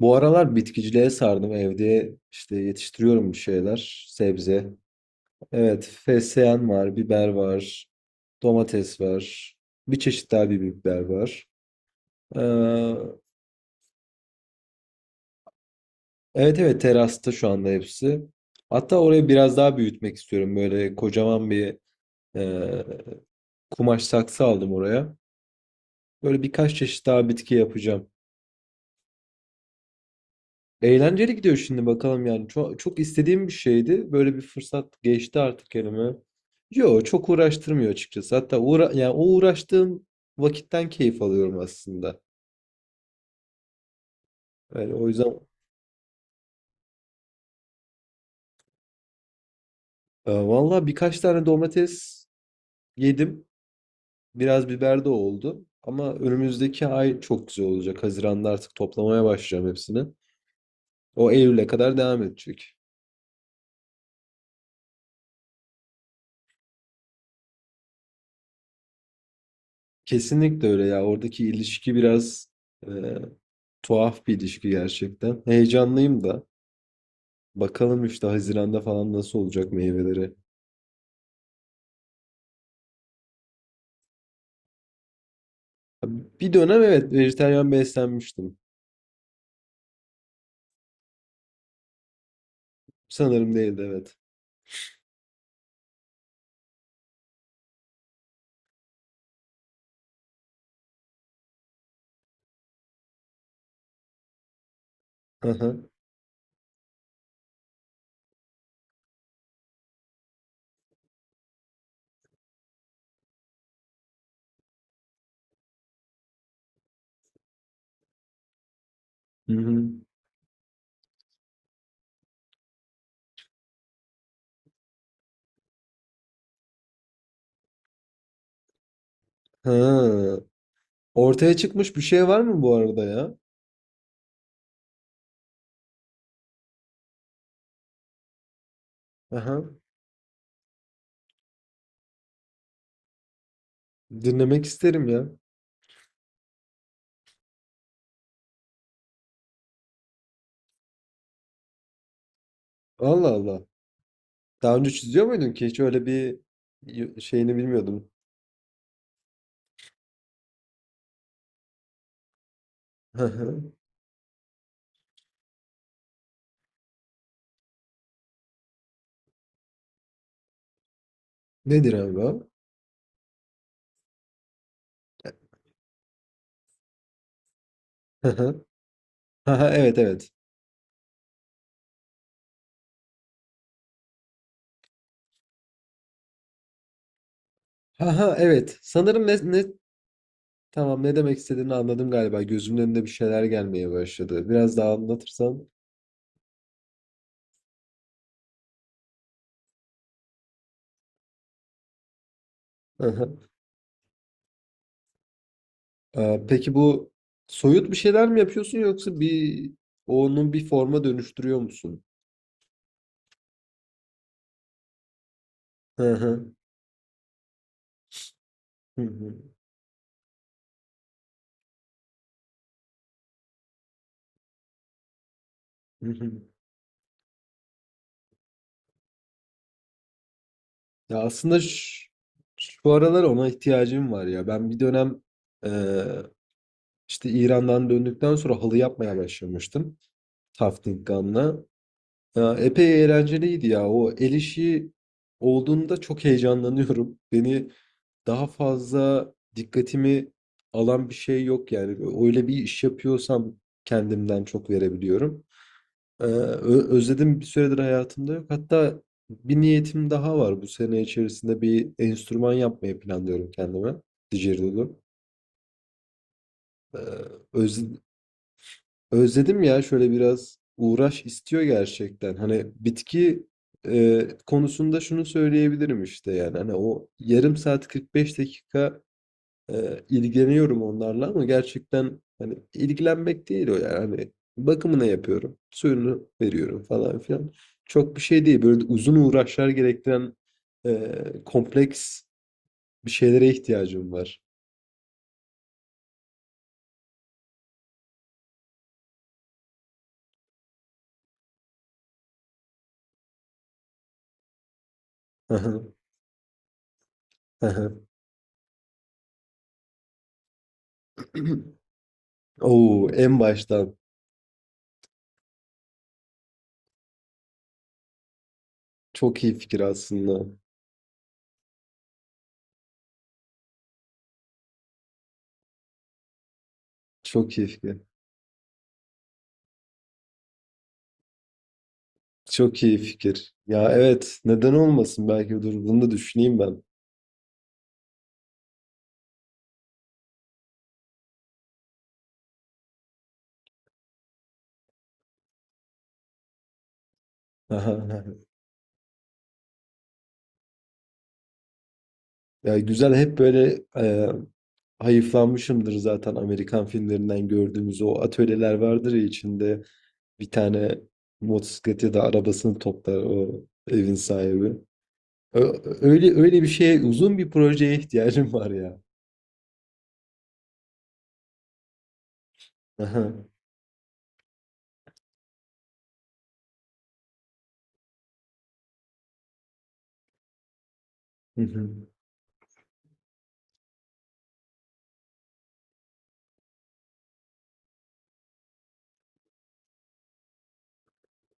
Bu aralar bitkiciliğe sardım. Evde işte yetiştiriyorum bir şeyler. Sebze. Evet, fesleğen var, biber var, domates var. Bir çeşit daha bir biber var. Ee, evet evet terasta şu anda hepsi. Hatta orayı biraz daha büyütmek istiyorum. Böyle kocaman bir e, kumaş saksı aldım oraya. Böyle birkaç çeşit daha bitki yapacağım. Eğlenceli gidiyor şimdi bakalım yani. Çok, çok istediğim bir şeydi. Böyle bir fırsat geçti artık elime. Yo çok uğraştırmıyor açıkçası. Hatta yani o uğraştığım vakitten keyif alıyorum aslında. Yani o yüzden vallahi birkaç tane domates yedim. Biraz biber de oldu. Ama önümüzdeki ay çok güzel olacak. Haziran'da artık toplamaya başlayacağım hepsini. O Eylül'e kadar devam edecek. Kesinlikle öyle ya. Oradaki ilişki biraz e, tuhaf bir ilişki gerçekten. Heyecanlıyım da. Bakalım işte Haziran'da falan nasıl olacak meyveleri. Bir dönem evet vejetaryen beslenmiştim. Sanırım değildi evet. Aha. Hı hı. Ha. Ortaya çıkmış bir şey var mı bu arada ya? Aha. Dinlemek isterim ya. Allah Allah. Daha önce çiziyor muydun ki? Hiç öyle bir şeyini bilmiyordum. Hı hı. Nedir abi o? Hı hı. Aha, evet evet. Haha evet. Sanırım ne, ne tamam ne demek istediğini anladım galiba. Gözümün önünde bir şeyler gelmeye başladı. Biraz daha anlatırsan. Aha. Peki bu soyut bir şeyler mi yapıyorsun yoksa onun bir forma dönüştürüyor musun? Hı hı. Hı hı. Hı hı. Ya aslında şu aralar ona ihtiyacım var ya. Ben bir dönem e, işte İran'dan döndükten sonra halı yapmaya başlamıştım. Tafting gun'la. Ya, epey eğlenceliydi ya. O el işi olduğunda çok heyecanlanıyorum. Beni daha fazla dikkatimi alan bir şey yok yani. Öyle bir iş yapıyorsam kendimden çok verebiliyorum. Özledim bir süredir hayatımda yok. Hatta bir niyetim daha var. Bu sene içerisinde bir enstrüman yapmayı planlıyorum kendime. Didgeridoo. Ee, öz- Özledim ya şöyle biraz uğraş istiyor gerçekten. Hani bitki konusunda şunu söyleyebilirim işte yani. Hani o yarım saat 45 dakika ilgileniyorum onlarla ama gerçekten hani ilgilenmek değil o yani. Hani bakımını yapıyorum, suyunu veriyorum falan filan. Çok bir şey değil. Böyle uzun uğraşlar gerektiren kompleks bir şeylere ihtiyacım var. Oo, en baştan çok iyi fikir aslında. Çok iyi fikir. Çok iyi fikir. Ya evet, neden olmasın? Belki dur bunu da düşüneyim ben. Aha. Ya güzel hep böyle hayıflanmışımdır zaten Amerikan filmlerinden gördüğümüz o atölyeler vardır ya içinde bir tane motosiklet ya da arabasını toplar o evin sahibi. Öyle bir şeye uzun bir projeye ihtiyacım var ya. Aha. Hı hı.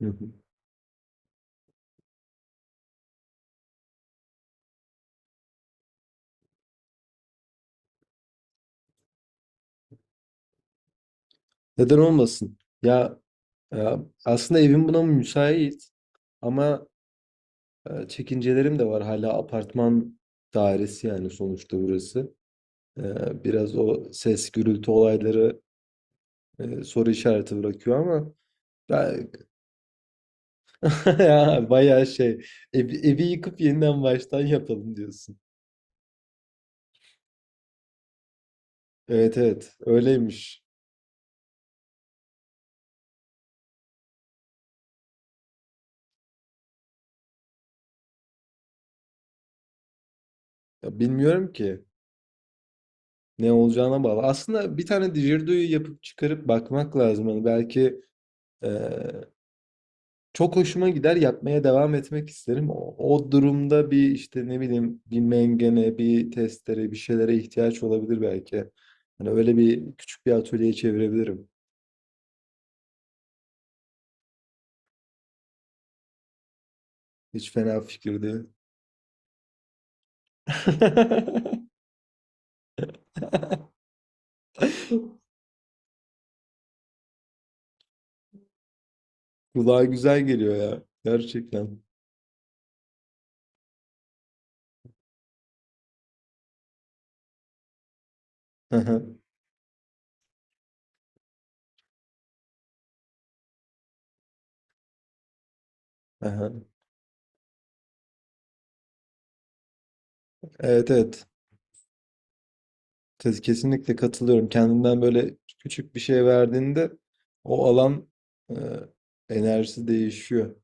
Hı hı. Neden olmasın? Ya aslında evim buna müsait ama çekincelerim de var. Hala apartman dairesi yani sonuçta burası. Biraz o ses gürültü olayları soru işareti bırakıyor ama ben ya bayağı şey evi yıkıp yeniden baştan yapalım diyorsun. Evet evet öyleymiş. Ya bilmiyorum ki ne olacağına bağlı. Aslında bir tane didgeridoo'yu yapıp çıkarıp bakmak lazım. Hani belki e, çok hoşuma gider yapmaya devam etmek isterim. O durumda bir işte ne bileyim bir mengene, bir testere, bir şeylere ihtiyaç olabilir belki. Hani öyle bir küçük bir atölyeye çevirebilirim. Hiç fena fikir değil. Kulağa güzel geliyor ya. Gerçekten. Aha, aha. Evet evet. Kesinlikle katılıyorum. Kendinden böyle küçük bir şey verdiğinde o alan e, enerjisi değişiyor.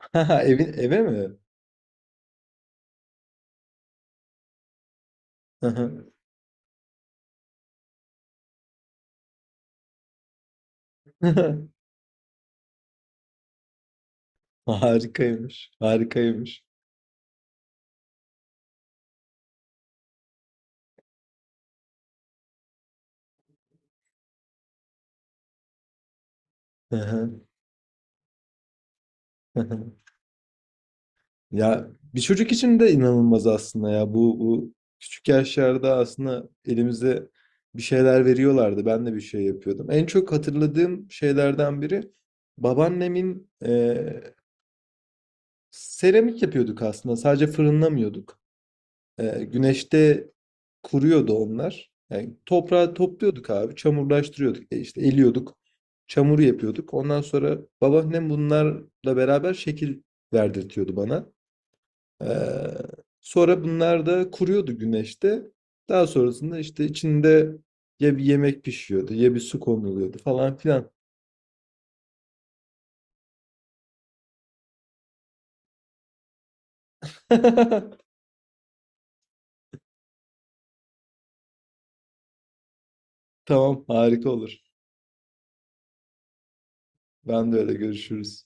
Evin eve mi? Aha. Harikaymış. Harikaymış. Hı hı, hı hı. Ya bir çocuk için de inanılmaz aslında ya. Bu küçük yaşlarda aslında elimize bir şeyler veriyorlardı. Ben de bir şey yapıyordum. En çok hatırladığım şeylerden biri babaannemin seramik yapıyorduk aslında. Sadece fırınlamıyorduk. Güneşte kuruyordu onlar. Yani toprağı topluyorduk abi, çamurlaştırıyorduk. E işte eliyorduk, çamuru yapıyorduk. Ondan sonra babaannem bunlarla beraber şekil verdirtiyordu bana. Ee, sonra bunlar da kuruyordu güneşte. Daha sonrasında işte içinde ya bir yemek pişiyordu ya bir su konuluyordu falan filan. Tamam, harika olur. Ben de öyle görüşürüz.